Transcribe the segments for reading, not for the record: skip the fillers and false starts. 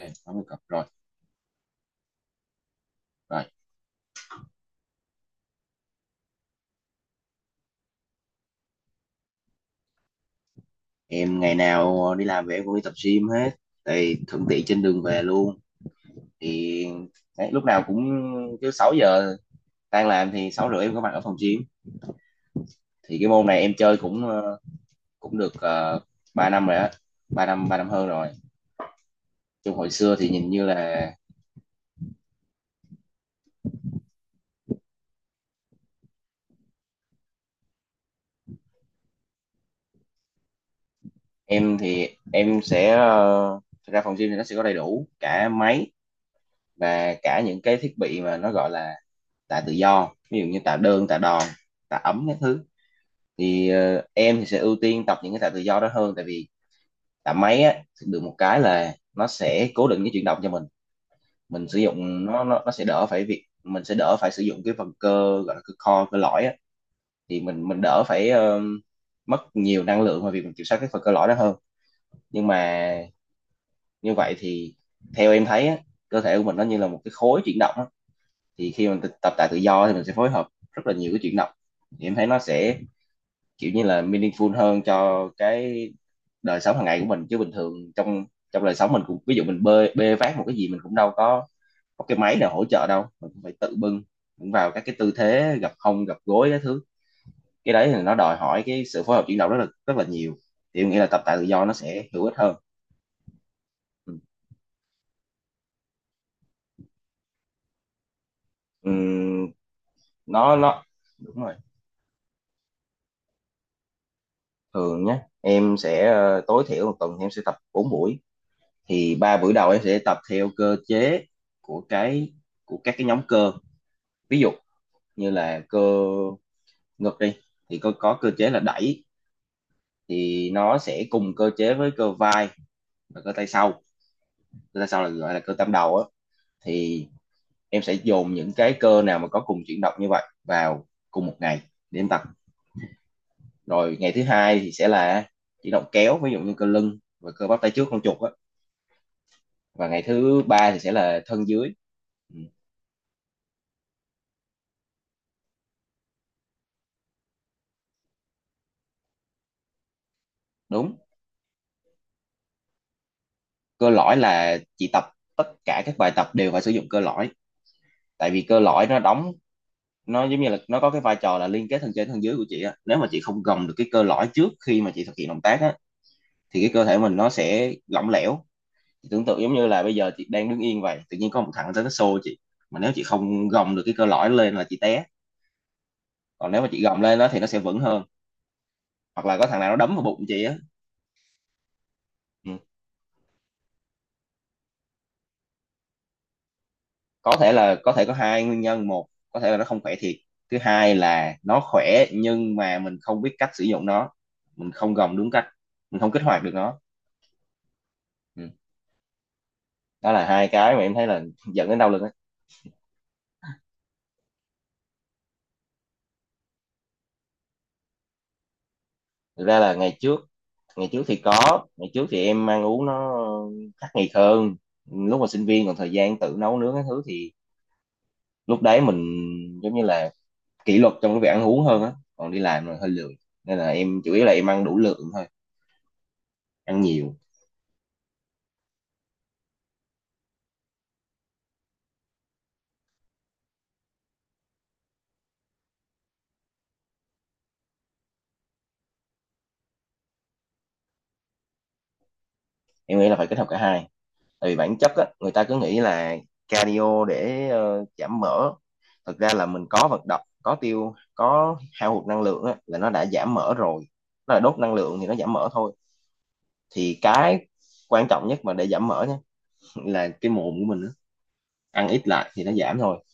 Ok, 80 cặp rồi. rồi em ngày nào đi làm về em cũng đi tập gym hết, thì thuận tiện trên đường về luôn. Thì đấy, lúc nào cũng cứ 6 giờ tan làm thì 6 rưỡi em có mặt ở phòng gym. Thì cái môn này em chơi cũng cũng được 3 năm rồi á, 3 năm hơn rồi. Trong hồi xưa thì nhìn như là em thì em sẽ thực ra phòng gym thì nó sẽ có đầy đủ cả máy và cả những cái thiết bị mà nó gọi là tạ tự do, ví dụ như tạ đơn tạ đòn tạ ấm các thứ. Thì em thì sẽ ưu tiên tập những cái tạ tự do đó hơn, tại vì tạ máy á được một cái là nó sẽ cố định cái chuyển động cho mình sử dụng nó sẽ đỡ phải việc mình sẽ đỡ phải sử dụng cái phần cơ gọi là cơ core cơ lõi á. Thì mình đỡ phải mất nhiều năng lượng vào việc mình kiểm soát cái phần cơ lõi đó hơn. Nhưng mà như vậy thì theo em thấy á, cơ thể của mình nó như là một cái khối chuyển động á. Thì khi mình tập tạ tự do thì mình sẽ phối hợp rất là nhiều cái chuyển động, thì em thấy nó sẽ kiểu như là meaningful hơn cho cái đời sống hàng ngày của mình. Chứ bình thường trong trong đời sống mình cũng, ví dụ mình bê bê vác một cái gì mình cũng đâu có cái máy nào hỗ trợ đâu, mình cũng phải tự bưng, cũng vào các cái tư thế gập hông gập gối các thứ. Cái đấy thì nó đòi hỏi cái sự phối hợp chuyển động rất là nhiều. Thì em nghĩ là tập tạ tự do nó sẽ hữu ích hơn. Ừ. Ừm, nó đúng rồi. Thường nhé, em sẽ tối thiểu một tuần thì em sẽ tập 4 buổi. Thì 3 buổi đầu em sẽ tập theo cơ chế của cái của các cái nhóm cơ, ví dụ như là cơ ngực đi, thì có cơ chế là đẩy thì nó sẽ cùng cơ chế với cơ vai và cơ tay sau. Cơ tay sau là gọi là cơ tam đầu á. Thì em sẽ dồn những cái cơ nào mà có cùng chuyển động như vậy vào cùng một ngày để em tập. Rồi ngày thứ hai thì sẽ là chuyển động kéo, ví dụ như cơ lưng và cơ bắp tay trước con chuột á. Và ngày thứ ba thì sẽ là thân dưới. Ừ, đúng. Cơ lõi là chị tập tất cả các bài tập đều phải sử dụng cơ lõi. Tại vì cơ lõi nó đóng, nó giống như là nó có cái vai trò là liên kết thân trên thân dưới của chị á. Nếu mà chị không gồng được cái cơ lõi trước khi mà chị thực hiện động tác á thì cái cơ thể mình nó sẽ lỏng lẻo. Chị tưởng tượng giống như là bây giờ chị đang đứng yên vậy, tự nhiên có một thằng tới nó xô chị, mà nếu chị không gồng được cái cơ lõi lên là chị té. Còn nếu mà chị gồng lên đó thì nó sẽ vững hơn. Hoặc là có thằng nào nó đấm vào bụng chị á. Ừ. Có thể là, có thể có hai nguyên nhân: một, có thể là nó không khỏe thiệt; thứ hai là nó khỏe nhưng mà mình không biết cách sử dụng nó, mình không gồng đúng cách, mình không kích hoạt được nó. Ừ. Đó là hai cái mà em thấy là dẫn đến đau lưng á. Thực ra là ngày trước, ngày trước thì có, ngày trước thì em ăn uống nó khắc nghiệt hơn. Lúc mà sinh viên còn thời gian tự nấu nướng cái thứ thì lúc đấy mình giống như là kỷ luật trong cái việc ăn uống hơn á. Còn đi làm rồi hơi lười nên là em chủ yếu là em ăn đủ lượng thôi, ăn nhiều. Em nghĩ là phải kết hợp cả hai. Thì bản chất á, người ta cứ nghĩ là cardio để giảm mỡ. Thực ra là mình có vận động, có tiêu, có hao hụt năng lượng á, là nó đã giảm mỡ rồi. Nó là đốt năng lượng thì nó giảm mỡ thôi. Thì cái quan trọng nhất mà để giảm mỡ nhé, là cái mồm của mình á. Ăn ít lại thì nó giảm thôi.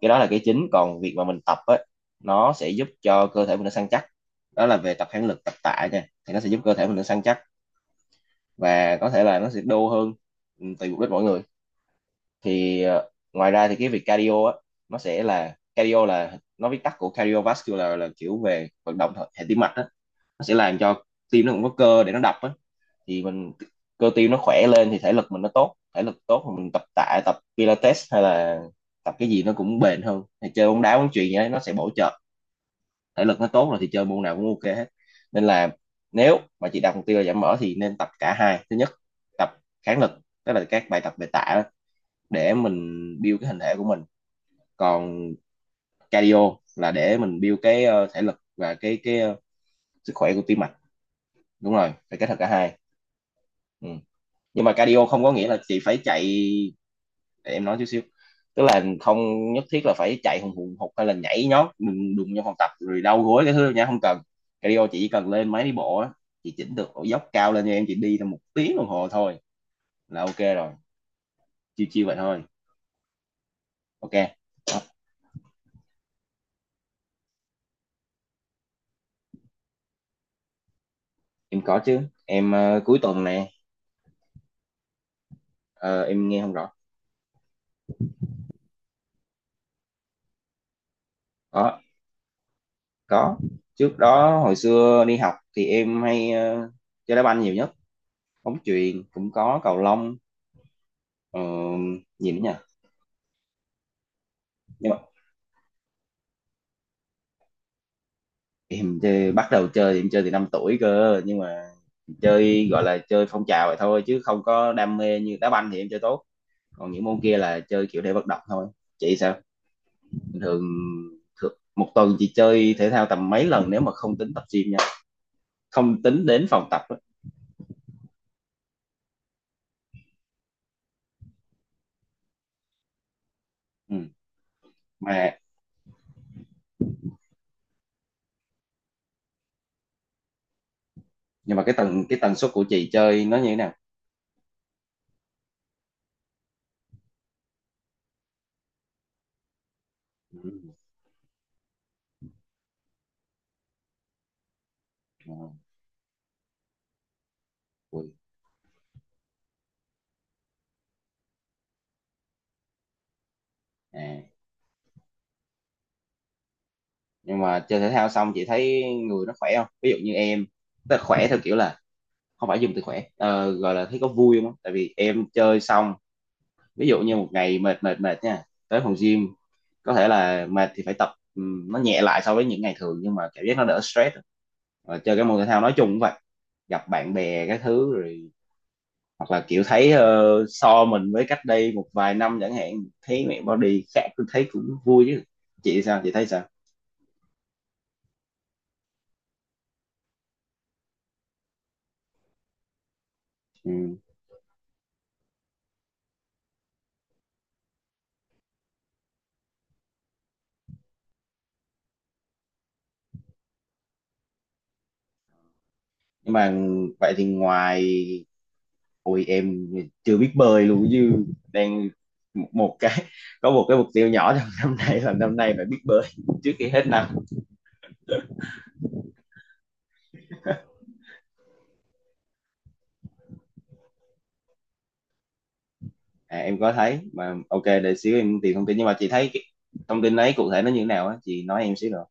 Cái đó là cái chính. Còn việc mà mình tập á, nó sẽ giúp cho cơ thể mình nó săn chắc, đó là về tập kháng lực tập tạ nha. Thì nó sẽ giúp cơ thể mình nó săn chắc và có thể là nó sẽ đô hơn. Ừ, tùy mục đích mỗi người. Thì ngoài ra thì cái việc cardio á, nó sẽ là, cardio là nó viết tắt của cardiovascular, là kiểu về vận động hệ hệ tim mạch á. Nó sẽ làm cho tim nó cũng có cơ để nó đập á. Thì mình, cơ tim nó khỏe lên thì thể lực mình nó tốt. Thể lực tốt thì mình tập tạ tập pilates hay là tập cái gì nó cũng bền hơn. Thì chơi bóng đá bóng chuyền gì đấy nó sẽ bổ trợ. Thể lực nó tốt rồi thì chơi môn nào cũng ok hết. Nên là nếu mà chị đặt mục tiêu là giảm mỡ thì nên tập cả hai. Thứ nhất, tập kháng lực, tức là các bài tập về tạ đó, để mình build cái hình thể của mình. Còn cardio là để mình build cái thể lực và cái sức khỏe của tim mạch. Đúng rồi, phải kết hợp cả hai. Ừ. Nhưng mà cardio không có nghĩa là chị phải chạy. Để em nói chút xíu, tức là không nhất thiết là phải chạy hùng hùng hục hay là nhảy nhót đùng đùng trong phòng tập rồi đau gối cái thứ nha, không cần. Cardio chị chỉ cần lên máy đi bộ á, chị chỉnh được độ dốc cao lên cho em, chị đi tầm một tiếng đồng hồ thôi là ok rồi. Chiêu chiêu vậy thôi. Ok. Đó, em có chứ. Em cuối tuần này ờ, em nghe không rõ. Có, có. Trước đó hồi xưa đi học thì em hay chơi đá banh nhiều nhất, bóng chuyền cũng có, cầu lông, ờ, gì nữa nhỉ. Nhưng mà em chơi, bắt đầu chơi thì em chơi từ 5 tuổi cơ, nhưng mà chơi gọi là chơi phong trào vậy thôi chứ không có đam mê. Như đá banh thì em chơi tốt, còn những môn kia là chơi kiểu để vận động thôi. Chị sao? Bình thường thường một tuần chị chơi thể thao tầm mấy lần, nếu mà không tính tập gym nha, không tính đến phòng tập á. Ừ. Mà nhưng mà cái tần suất của chị chơi nó như thế nào? Ừ. Ui. À. Nhưng mà chơi thể thao xong chị thấy người nó khỏe không? Ví dụ như em, tức là khỏe theo kiểu là, không phải dùng từ khỏe, gọi là thấy có vui không? Tại vì em chơi xong, ví dụ như một ngày mệt mệt mệt nha, tới phòng gym, có thể là mệt thì phải tập, nó nhẹ lại so với những ngày thường, nhưng mà cảm giác nó đỡ stress. Và chơi cái môn thể thao nói chung cũng vậy, gặp bạn bè cái thứ rồi, hoặc là kiểu thấy so mình với cách đây một vài năm chẳng hạn, thấy mẹ body khác tôi thấy cũng vui chứ. Chị sao? Chị thấy sao? Nhưng mà vậy thì ngoài... Ôi, em chưa biết bơi luôn chứ. Đang một một cái, có một cái mục tiêu nhỏ trong năm nay là năm nay phải biết bơi trước khi hết năm. À, em có thấy mà. Ok, để xíu em tìm thông tin. Nhưng mà chị thấy cái thông tin ấy cụ thể nó như thế nào á, chị nói em xíu được.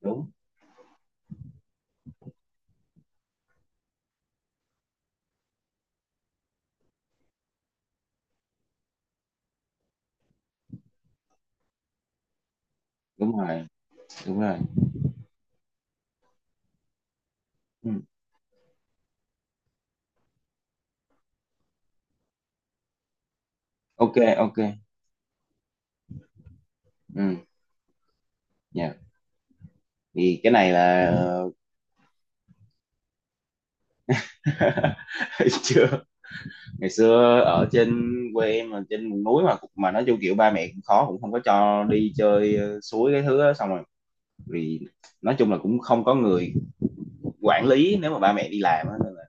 Đúng, đúng rồi, đúng rồi. Ừ. Ok, ok. Ừ. Dạ, thì cái này là... chưa. Ngày xưa ở trên quê em mà trên vùng núi, mà nói chung kiểu ba mẹ cũng khó cũng không có cho đi chơi suối cái thứ đó. Xong rồi vì nói chung là cũng không có người quản lý nếu mà ba mẹ đi làm á, nên là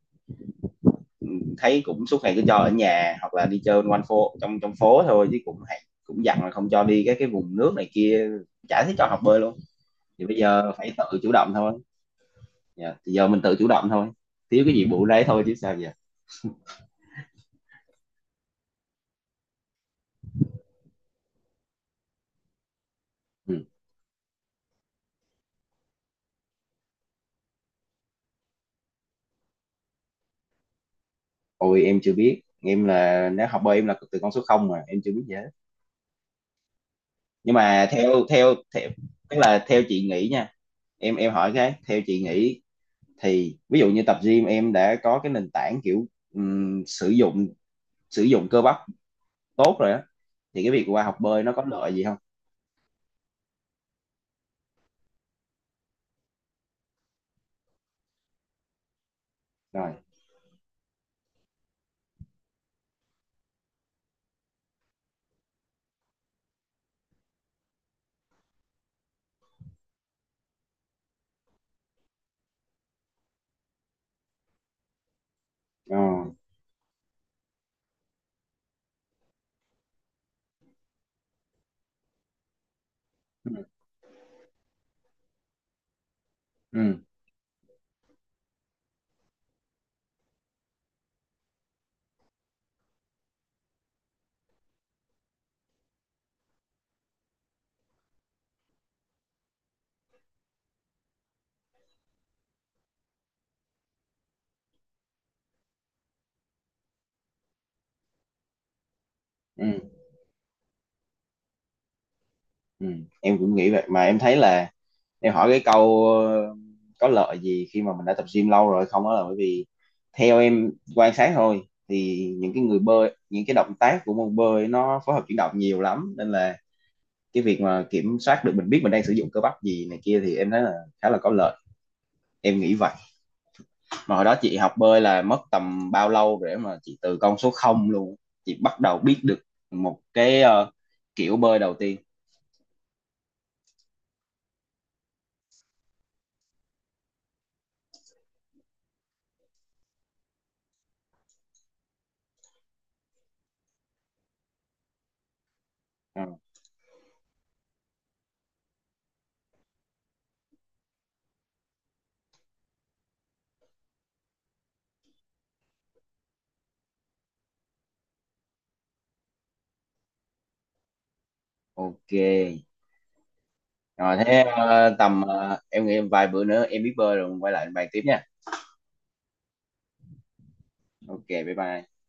ừ, thấy cũng suốt ngày cứ cho ở nhà hoặc là đi chơi quanh phố, trong trong phố thôi, chứ cũng hạn- cũng dặn là không cho đi các cái vùng nước này kia, chả thấy cho học bơi luôn. Thì bây giờ phải tự chủ động thôi. Dạ, thì giờ mình tự chủ động thôi, thiếu cái gì bù đấy thôi chứ sao giờ. Ừ. Ôi em chưa biết, em là nếu học bơi em là từ con số không, mà em chưa biết gì hết. Nhưng mà theo theo theo, tức là theo chị nghĩ nha, em hỏi cái theo chị nghĩ, thì ví dụ như tập gym em đã có cái nền tảng kiểu ừm, sử dụng sử dụng cơ bắp tốt rồi á, thì cái việc qua học bơi nó có lợi gì không? Rồi ờ. Ừ. Ừ. Ừ. Ừ. Em cũng nghĩ vậy. Mà em thấy là em hỏi cái câu có lợi gì khi mà mình đã tập gym lâu rồi không, đó là bởi vì theo em quan sát thôi, thì những cái người bơi những cái động tác của môn bơi nó phối hợp chuyển động nhiều lắm, nên là cái việc mà kiểm soát được mình biết mình đang sử dụng cơ bắp gì này kia thì em thấy là khá là có lợi. Em nghĩ vậy. Mà hồi đó chị học bơi là mất tầm bao lâu để mà chị từ con số không luôn, chị bắt đầu biết được một cái kiểu bơi đầu tiên? Ờ, ok, rồi thế tầm em nghĩ vài bữa nữa em biết bơi rồi quay lại bàn tiếp nha. Ok bye bye